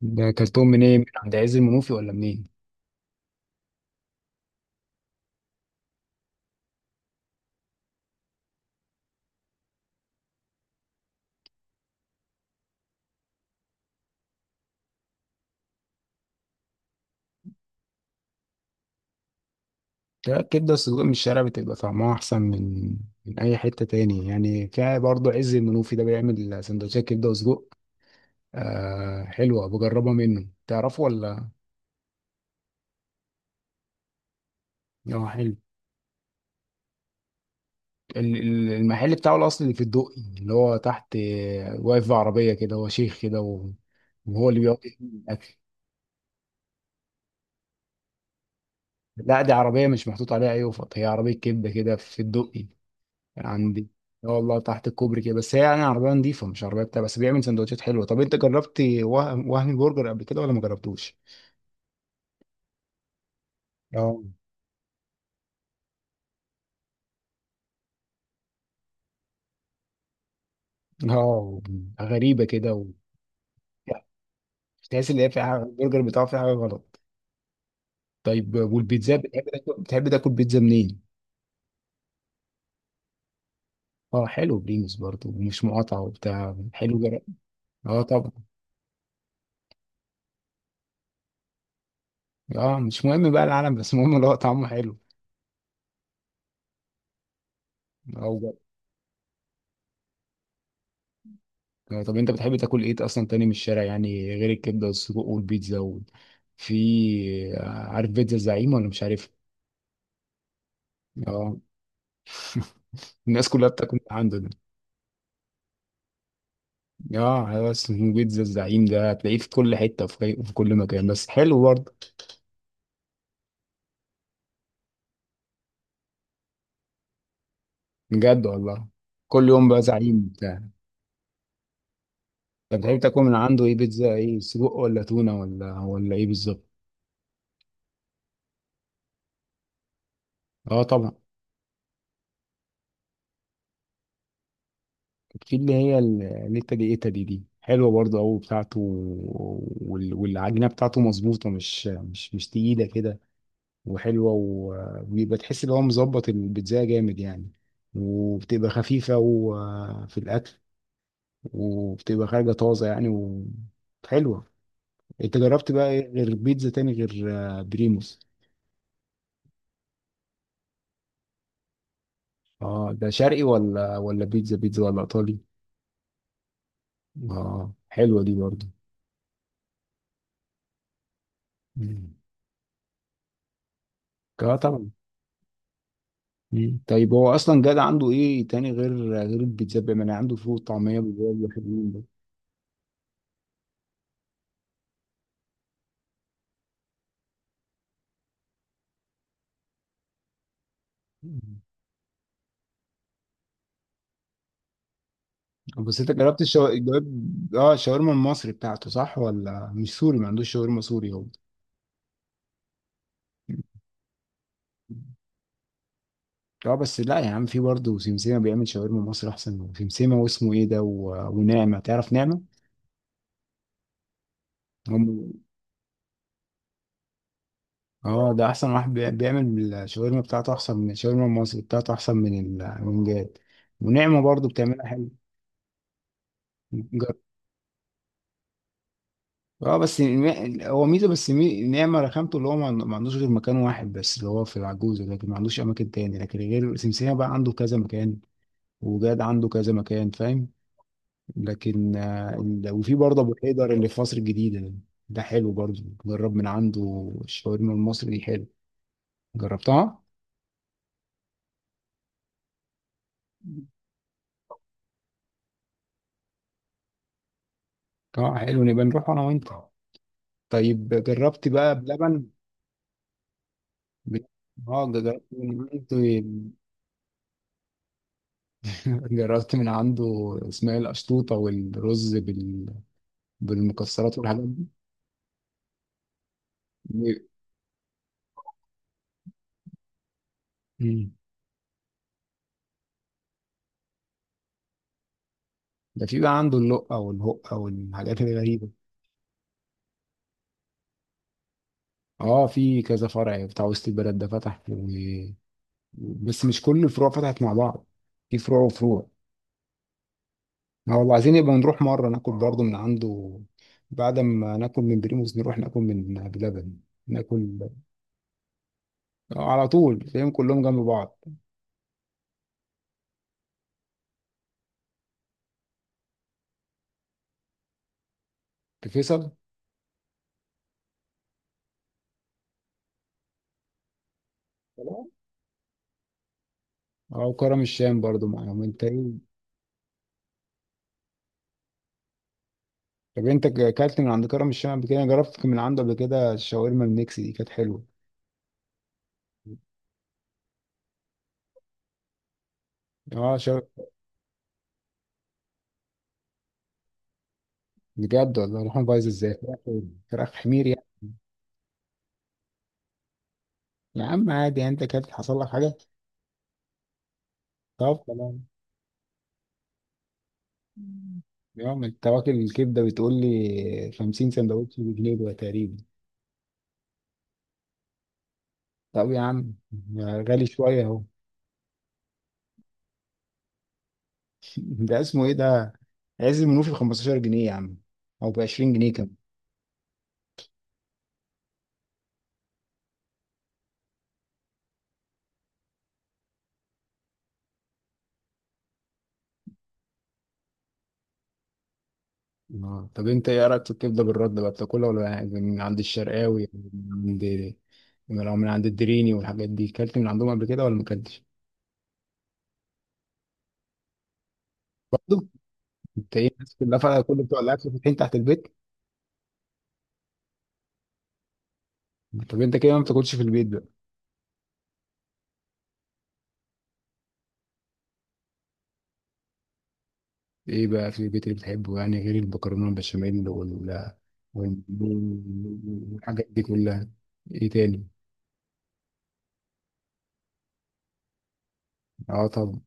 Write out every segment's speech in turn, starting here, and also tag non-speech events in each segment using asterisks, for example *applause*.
ده اكلتهم منين؟ من عند عز المنوفي ولا منين؟ ده الكبدة السجق من الشارع بتبقى طعمها أحسن من أي حتة تاني، يعني في برضه عز المنوفي ده بيعمل سندوتشات كبدة وسجق. آه حلوة، بجربها منه، تعرفه ولا؟ اه حلو. المحل بتاعه الأصلي اللي في الدقي، اللي هو تحت، واقف في عربية كده، هو شيخ كده وهو اللي بيقعد يعمل الأكل. لا دي عربية مش محطوط عليها أي، أيوة، هي عربية كبدة كده في الدقي عندي. اه والله، تحت الكوبري كده، بس هي يعني عربية نظيفة مش عربية بتاع، بس بيعمل سندوتشات حلوة. طب انت جربت وهمي برجر قبل كده ولا ما جربتوش؟ اه. اه. غريبة كده تحس ان هي في حاجة، البرجر بتاعه في حاجة غلط. طيب والبيتزا، بتحب تاكل بيتزا منين؟ اه حلو، بريموس برضه ومش مقاطعة وبتاع، حلو، جرب. اه طبعا. اه مش مهم بقى العالم، بس المهم اللي هو طعمه حلو. اه، طب انت بتحب تاكل ايه اصلا تاني من الشارع يعني، غير الكبده والسجق والبيتزا في، عارف بيتزا الزعيم ولا مش عارف؟ اه. *laughs* الناس كلها بتاكل من عنده ده. اه بس بيتزا الزعيم ده هتلاقيه في كل حته، في كل مكان، بس حلو برضه. بجد والله، كل يوم بقى زعيم بتاع. طب بتحب تاكل من عنده ايه؟ بيتزا، ايه، سجق، ولا تونه، ولا ايه بالظبط؟ اه طبعا. في اللي هي النيتا دي، ايتا دي حلوه برضه قوي بتاعته، والعجينه بتاعته مظبوطه، مش تقيله كده، وحلوه، وبيبقى تحس ان هو مظبط البيتزا جامد يعني، وبتبقى خفيفه وفي الاكل، وبتبقى خارجه طازه يعني، وحلوه. انت جربت بقى إيه غير بيتزا تاني، غير… بريموس. اه ده شرقي ولا بيتزا بيتزا، ولا ايطالي؟ اه حلوه دي برضه. مم. اه طبعا. مم. طيب هو اصلا جاد عنده ايه تاني، غير البيتزا؟ بيعمل عنده فول وطعميه بالواجب، حلوين برضه. مم. بس انت جربت جربت، اه الشاورما المصري بتاعته صح، ولا مش سوري؟ ما عندوش شاورما سوري هو؟ اه، بس لا يا عم، في برضه سمسمه بيعمل شاورما مصري احسن منه. سمسمه، واسمه ايه ده ونعمه، تعرف نعمه؟ هم. اه ده احسن واحد بيعمل الشاورما بتاعته احسن من الشاورما المصري بتاعته، احسن من من جاد. ونعمه برضه بتعملها. حلو. اه بس هو ميزه، بس نعمه رخامته اللي هو، ما عندوش غير مكان واحد بس، اللي هو في العجوزه، لكن ما عندوش اماكن تاني، لكن غير سمسيه بقى عنده كذا مكان، وجاد عنده كذا مكان، فاهم. لكن وفي برضه ابو حيدر اللي في مصر الجديده ده، ده حلو برضه، جرب من عنده الشاورما المصري دي، حلو. جربتها؟ اه حلو، نبقى نروح انا وانت. طيب جربت بقى بلبن؟ ب- اه جربت من عنده. *laughs* جربت من عنده اسماعيل قشطوطه والرز بال، بالمكسرات والحاجات دي. مم. ده في بقى عنده اللقة والهقة والحاجات الغريبة. اه في كذا فرع بتاع وسط البلد ده فتح بس مش كل الفروع فتحت مع بعض، في فروع وفروع. ما والله عايزين يبقى نروح مرة ناكل برضه من عنده، بعد ما ناكل من بريموس نروح ناكل من بلبن، ناكل. على طول، فاهم، كلهم جنب بعض. في فيصل. اه، وكرم الشام برضو معاهم، انت ايه؟ طب انت اكلت من عند كرم الشام قبل كده؟ جربت من عنده قبل كده؟ الشاورما الميكس دي كانت حلوه. اه بجد والله، روحهم بايظ ازاي، فراخ، فراخ حمير يعني. يا عم عادي يعني، انت كانت حصل لك حاجه؟ طب خلاص. يا عم انت واكل الكبده، بتقول لي 50 سندوتش بجنيه ده تقريبا؟ طب يا عم، غالي شويه اهو. *laughs* ده اسمه ايه ده؟ عز المنوفي ب 15 جنيه يا عم، او ب 20 جنيه كمان. اه طب انت ايه رايك في الكبده بالرد بقى، بتاكلها ولا من عند الشرقاوي يعني؟ من عند، لو من عند الدريني والحاجات دي، كلت من عندهم قبل كده ولا ما كلتش؟ انت ايه، الناس كلها فعلا كل بتوع الاكل فاتحين تحت البيت؟ طب انت كده ما بتاكلش في البيت بقى؟ ايه بقى في البيت اللي بتحبه يعني، غير المكرونه البشاميل وال، والحاجات دي كلها؟ ايه تاني؟ اه طبعا.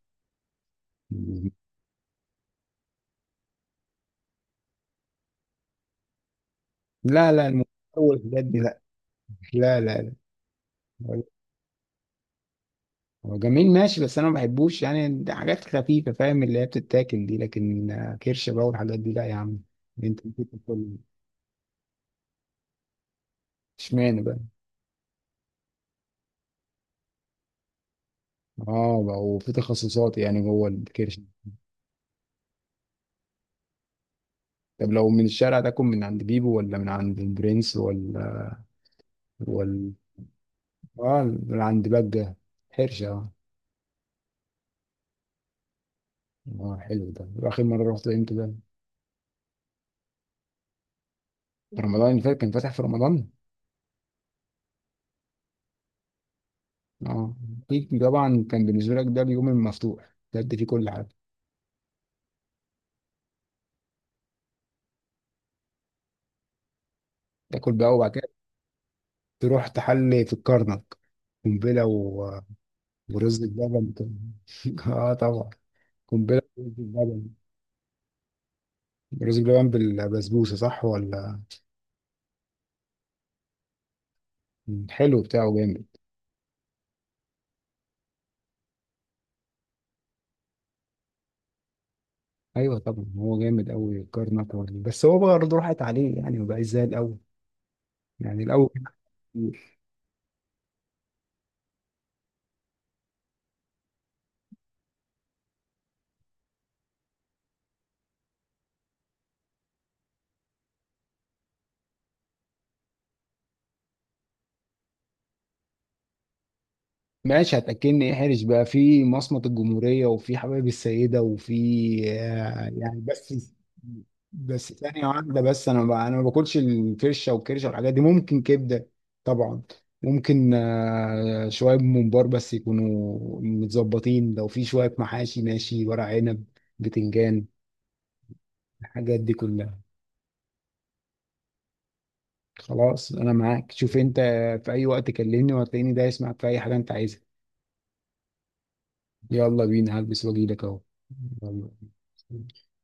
لا لا اول الحاجات دي لا. لا لا. لا. هو جميل ماشي، بس انا ما بحبوش يعني، ده حاجات خفيفه فاهم اللي هي بتتاكل دي، لكن كرش بقى والحاجات دي لا يا عم. انت بتاكل؟ اشمعنى بقى؟ اه بقى، وفي تخصصات يعني جوه الكرش. طب لو من الشارع تاكل من عند بيبو، ولا من عند البرنس، ولا، ولا، اه من عند بجة؟ حرشة اه. حلو ده، واخر مرة رحت امتى ده؟ في رمضان اللي فات؟ كان فاتح في رمضان؟ اه. أكيد طبعا، كان بالنسبة لك ده اليوم المفتوح بجد، فيه كل حاجة. تاكل بقى وبعد كده تروح تحلي في الكرنك، قنبلة ورز بلبن. *laughs* اه طبعا، قنبلة ورز بلبن. رز بلبن بالبسبوسة صح ولا؟ حلو بتاعه جامد. ايوه طبعا، هو جامد قوي كارناك برضه، بس هو برضه راحت عليه يعني، ما بقاش زي الاول، يعني الاول كان- ماشي، هتاكلني ايه؟ حرج بقى في مصمت الجمهوريه، وفي حبايب السيده، وفي، يعني، بس، بس ثانيه واحده، بس انا ما باكلش الفرشه والكرشه والحاجات دي، ممكن كبده طبعا، ممكن شويه ممبار بس يكونوا متظبطين، لو في شويه محاشي ماشي، ورق عنب، بتنجان، الحاجات دي كلها. خلاص انا معاك، شوف انت، في اي وقت كلمني وهتلاقيني دايس معاك في اي حاجه انت عايزها. يلا بينا، هلبس واجيلك اهو. يلا.